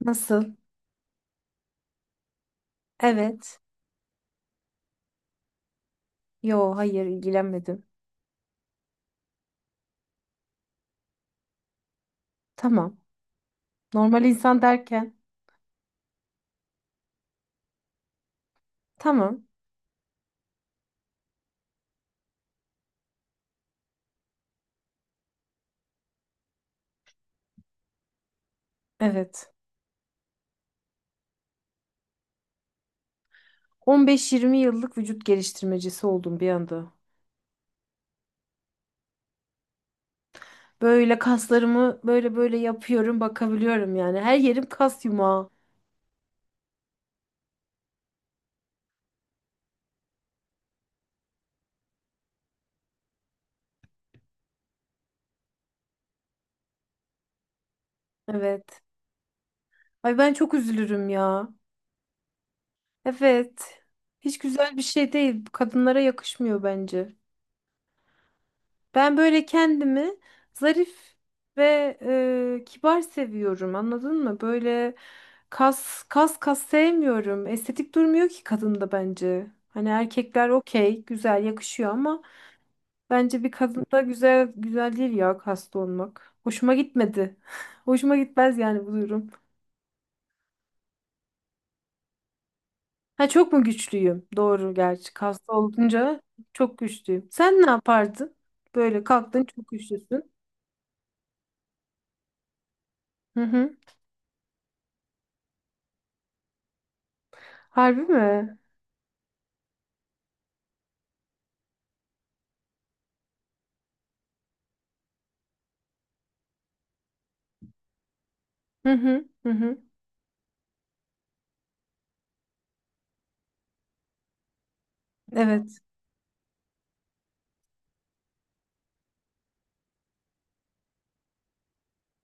Nasıl? Evet. Yo, hayır ilgilenmedim. Tamam. Normal insan derken. Tamam. Evet. 15-20 yıllık vücut geliştirmecisi oldum bir anda. Böyle kaslarımı böyle böyle yapıyorum, bakabiliyorum yani. Her yerim kas yumağı. Evet. Ay ben çok üzülürüm ya. Evet. Hiç güzel bir şey değil. Kadınlara yakışmıyor bence. Ben böyle kendimi zarif ve kibar seviyorum. Anladın mı? Böyle kas sevmiyorum. Estetik durmuyor ki kadında bence. Hani erkekler okey, güzel yakışıyor ama bence bir kadında güzel güzel değil ya kaslı olmak. Hoşuma gitmedi. Hoşuma gitmez yani bu durum. Ha çok mu güçlüyüm? Doğru gerçi. Kaslı olunca çok güçlüyüm. Sen ne yapardın? Böyle kalktın çok güçlüsün. Hı hı. Harbi mi? Hı hı hı hı. Evet.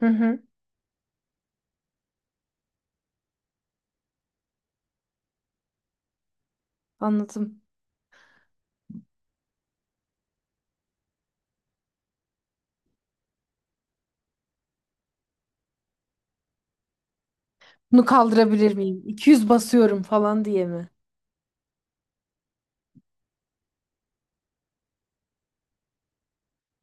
Hı hı. Anladım. Bunu kaldırabilir miyim? 200 basıyorum falan diye mi?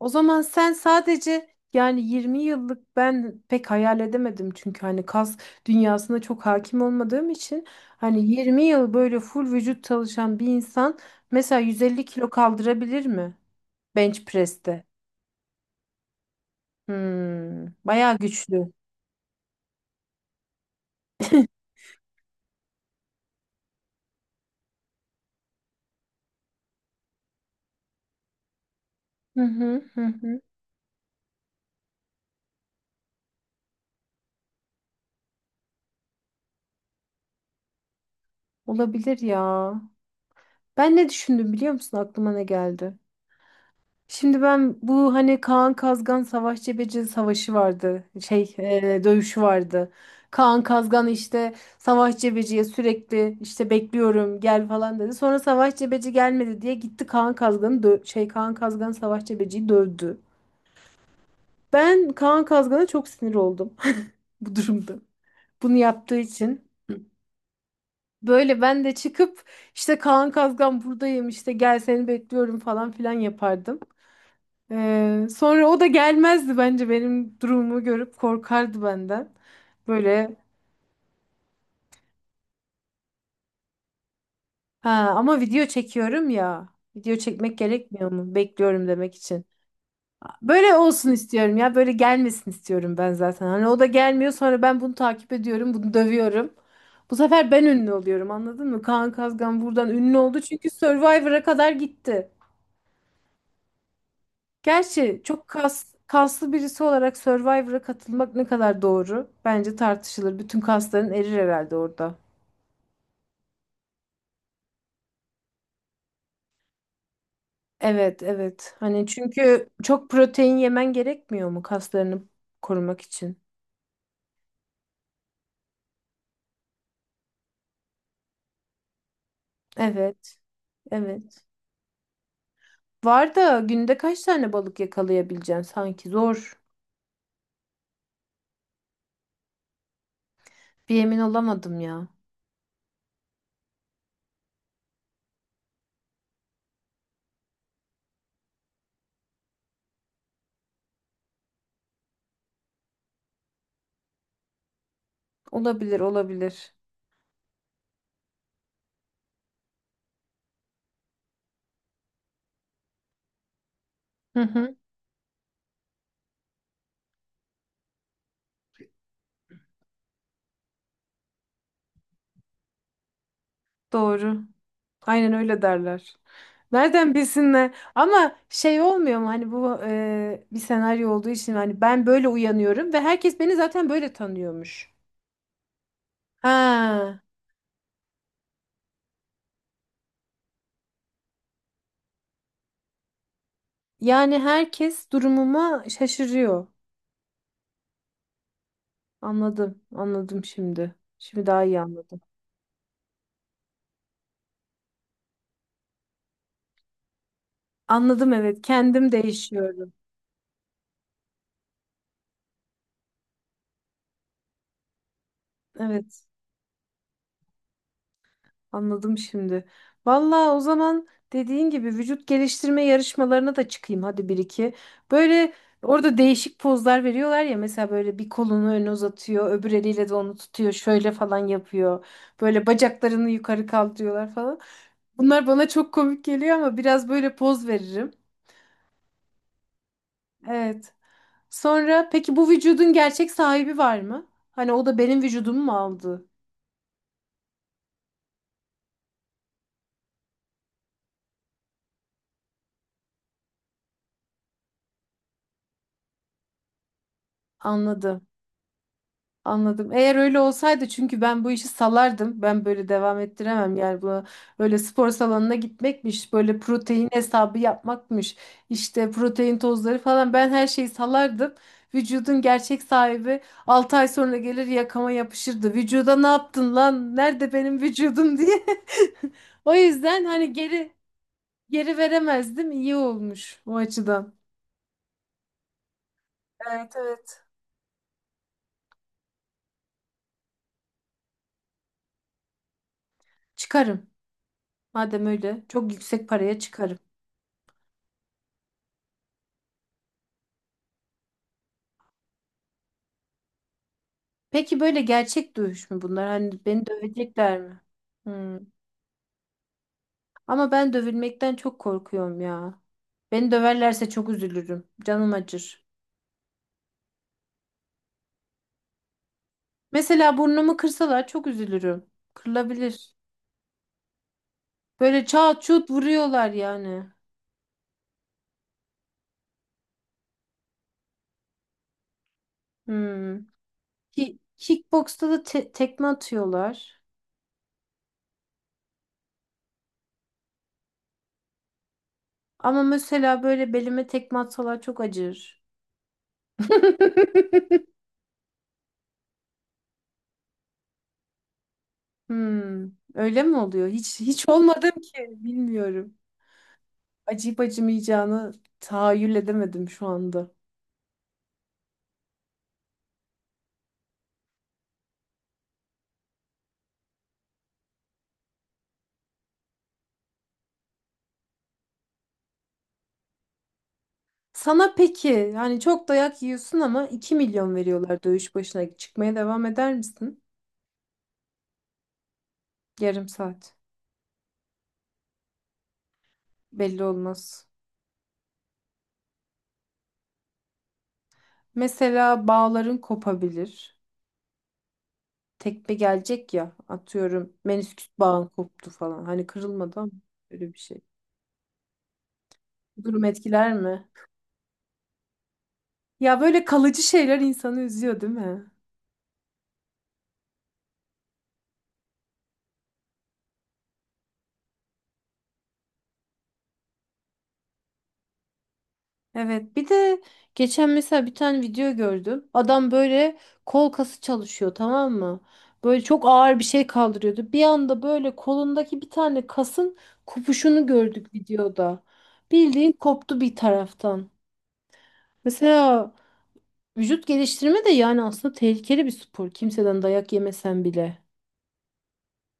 O zaman sen sadece yani 20 yıllık ben pek hayal edemedim çünkü hani kas dünyasına çok hakim olmadığım için hani 20 yıl böyle full vücut çalışan bir insan mesela 150 kilo kaldırabilir mi bench press'te? Hmm, bayağı güçlü. Hı hı hı hı. Olabilir ya. Ben ne düşündüm biliyor musun? Aklıma ne geldi? Şimdi ben bu hani Kaan Kazgan Savaş Cebeci savaşı vardı. Dövüşü vardı. Kaan Kazgan işte Savaş Cebeci'ye sürekli işte bekliyorum gel falan dedi. Sonra Savaş Cebeci gelmedi diye gitti Kaan Kazgan Savaş Cebeci'yi dövdü. Ben Kaan Kazgan'a çok sinir oldum bu durumda. Bunu yaptığı için. Böyle ben de çıkıp işte Kaan Kazgan buradayım işte gel seni bekliyorum falan filan yapardım. Sonra o da gelmezdi bence benim durumumu görüp korkardı benden. Böyle ha ama video çekiyorum ya. Video çekmek gerekmiyor mu? Bekliyorum demek için. Böyle olsun istiyorum ya. Böyle gelmesin istiyorum ben zaten. Hani o da gelmiyor sonra ben bunu takip ediyorum. Bunu dövüyorum. Bu sefer ben ünlü oluyorum anladın mı? Kaan Kazgan buradan ünlü oldu çünkü Survivor'a kadar gitti. Gerçi çok kaslı birisi olarak Survivor'a katılmak ne kadar doğru? Bence tartışılır. Bütün kasların erir herhalde orada. Evet, evet. Hani çünkü çok protein yemen gerekmiyor mu kaslarını korumak için? Evet, evet. Var da günde kaç tane balık yakalayabileceksin sanki? Zor. Bir emin olamadım ya. Olabilir, olabilir. Hı hı. Doğru. Aynen öyle derler. Nereden bilsinler? Ama şey olmuyor mu hani bu bir senaryo olduğu için hani ben böyle uyanıyorum ve herkes beni zaten böyle tanıyormuş. Ha, yani herkes durumuma şaşırıyor. Anladım, anladım şimdi. Şimdi daha iyi anladım. Anladım evet, kendim değişiyorum. Evet. Anladım şimdi. Vallahi o zaman dediğin gibi vücut geliştirme yarışmalarına da çıkayım hadi bir iki. Böyle orada değişik pozlar veriyorlar ya mesela böyle bir kolunu öne uzatıyor, öbür eliyle de onu tutuyor, şöyle falan yapıyor. Böyle bacaklarını yukarı kaldırıyorlar falan. Bunlar bana çok komik geliyor ama biraz böyle poz veririm. Evet. Sonra peki bu vücudun gerçek sahibi var mı? Hani o da benim vücudumu mu aldı? Anladım. Anladım. Eğer öyle olsaydı çünkü ben bu işi salardım. Ben böyle devam ettiremem. Yani bu böyle spor salonuna gitmekmiş, böyle protein hesabı yapmakmış, işte protein tozları falan ben her şeyi salardım. Vücudun gerçek sahibi 6 ay sonra gelir yakama yapışırdı. Vücuda ne yaptın lan? Nerede benim vücudum diye. O yüzden hani geri veremezdim. İyi olmuş o açıdan. Evet evet. Çıkarım. Madem öyle çok yüksek paraya çıkarım. Peki böyle gerçek dövüş mü bunlar? Hani beni dövecekler mi? Hmm. Ama ben dövülmekten çok korkuyorum ya. Beni döverlerse çok üzülürüm. Canım acır. Mesela burnumu kırsalar çok üzülürüm. Kırılabilir. Böyle çat çut vuruyorlar yani. Hmm. Ki kickboksta da tekme atıyorlar. Ama mesela böyle belime tekme atsalar çok acır. Hmm. Öyle mi oluyor? Hiç olmadım ki. Bilmiyorum. Acıyıp acımayacağını tahayyül edemedim şu anda. Sana peki yani çok dayak yiyorsun ama 2 milyon veriyorlar dövüş başına çıkmaya devam eder misin? Yarım saat belli olmaz. Mesela bağların kopabilir. Tekme gelecek ya atıyorum menisküs bağın koptu falan. Hani kırılmadı ama öyle bir şey. Bu durum etkiler mi? Ya böyle kalıcı şeyler insanı üzüyor değil mi? Evet bir de geçen mesela bir tane video gördüm. Adam böyle kol kası çalışıyor tamam mı? Böyle çok ağır bir şey kaldırıyordu. Bir anda böyle kolundaki bir tane kasın kopuşunu gördük videoda. Bildiğin koptu bir taraftan. Mesela vücut geliştirme de yani aslında tehlikeli bir spor. Kimseden dayak yemesen bile.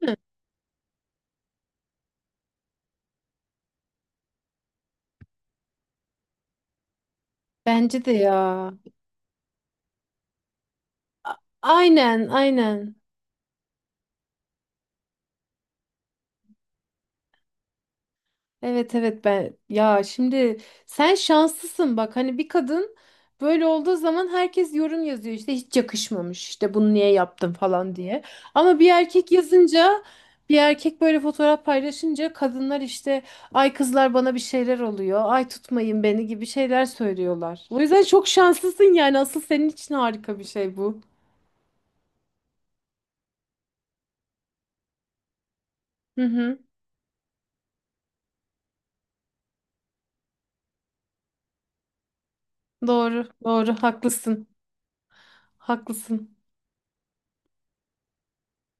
Hı. Bence de ya. A- Aynen aynen. Evet evet ben ya şimdi sen şanslısın bak hani bir kadın böyle olduğu zaman herkes yorum yazıyor işte hiç yakışmamış işte bunu niye yaptın falan diye. Ama bir erkek yazınca bir erkek böyle fotoğraf paylaşınca kadınlar işte ay kızlar bana bir şeyler oluyor ay tutmayın beni gibi şeyler söylüyorlar. O yüzden çok şanslısın yani asıl senin için harika bir şey bu. Hı hı doğru doğru haklısın haklısın.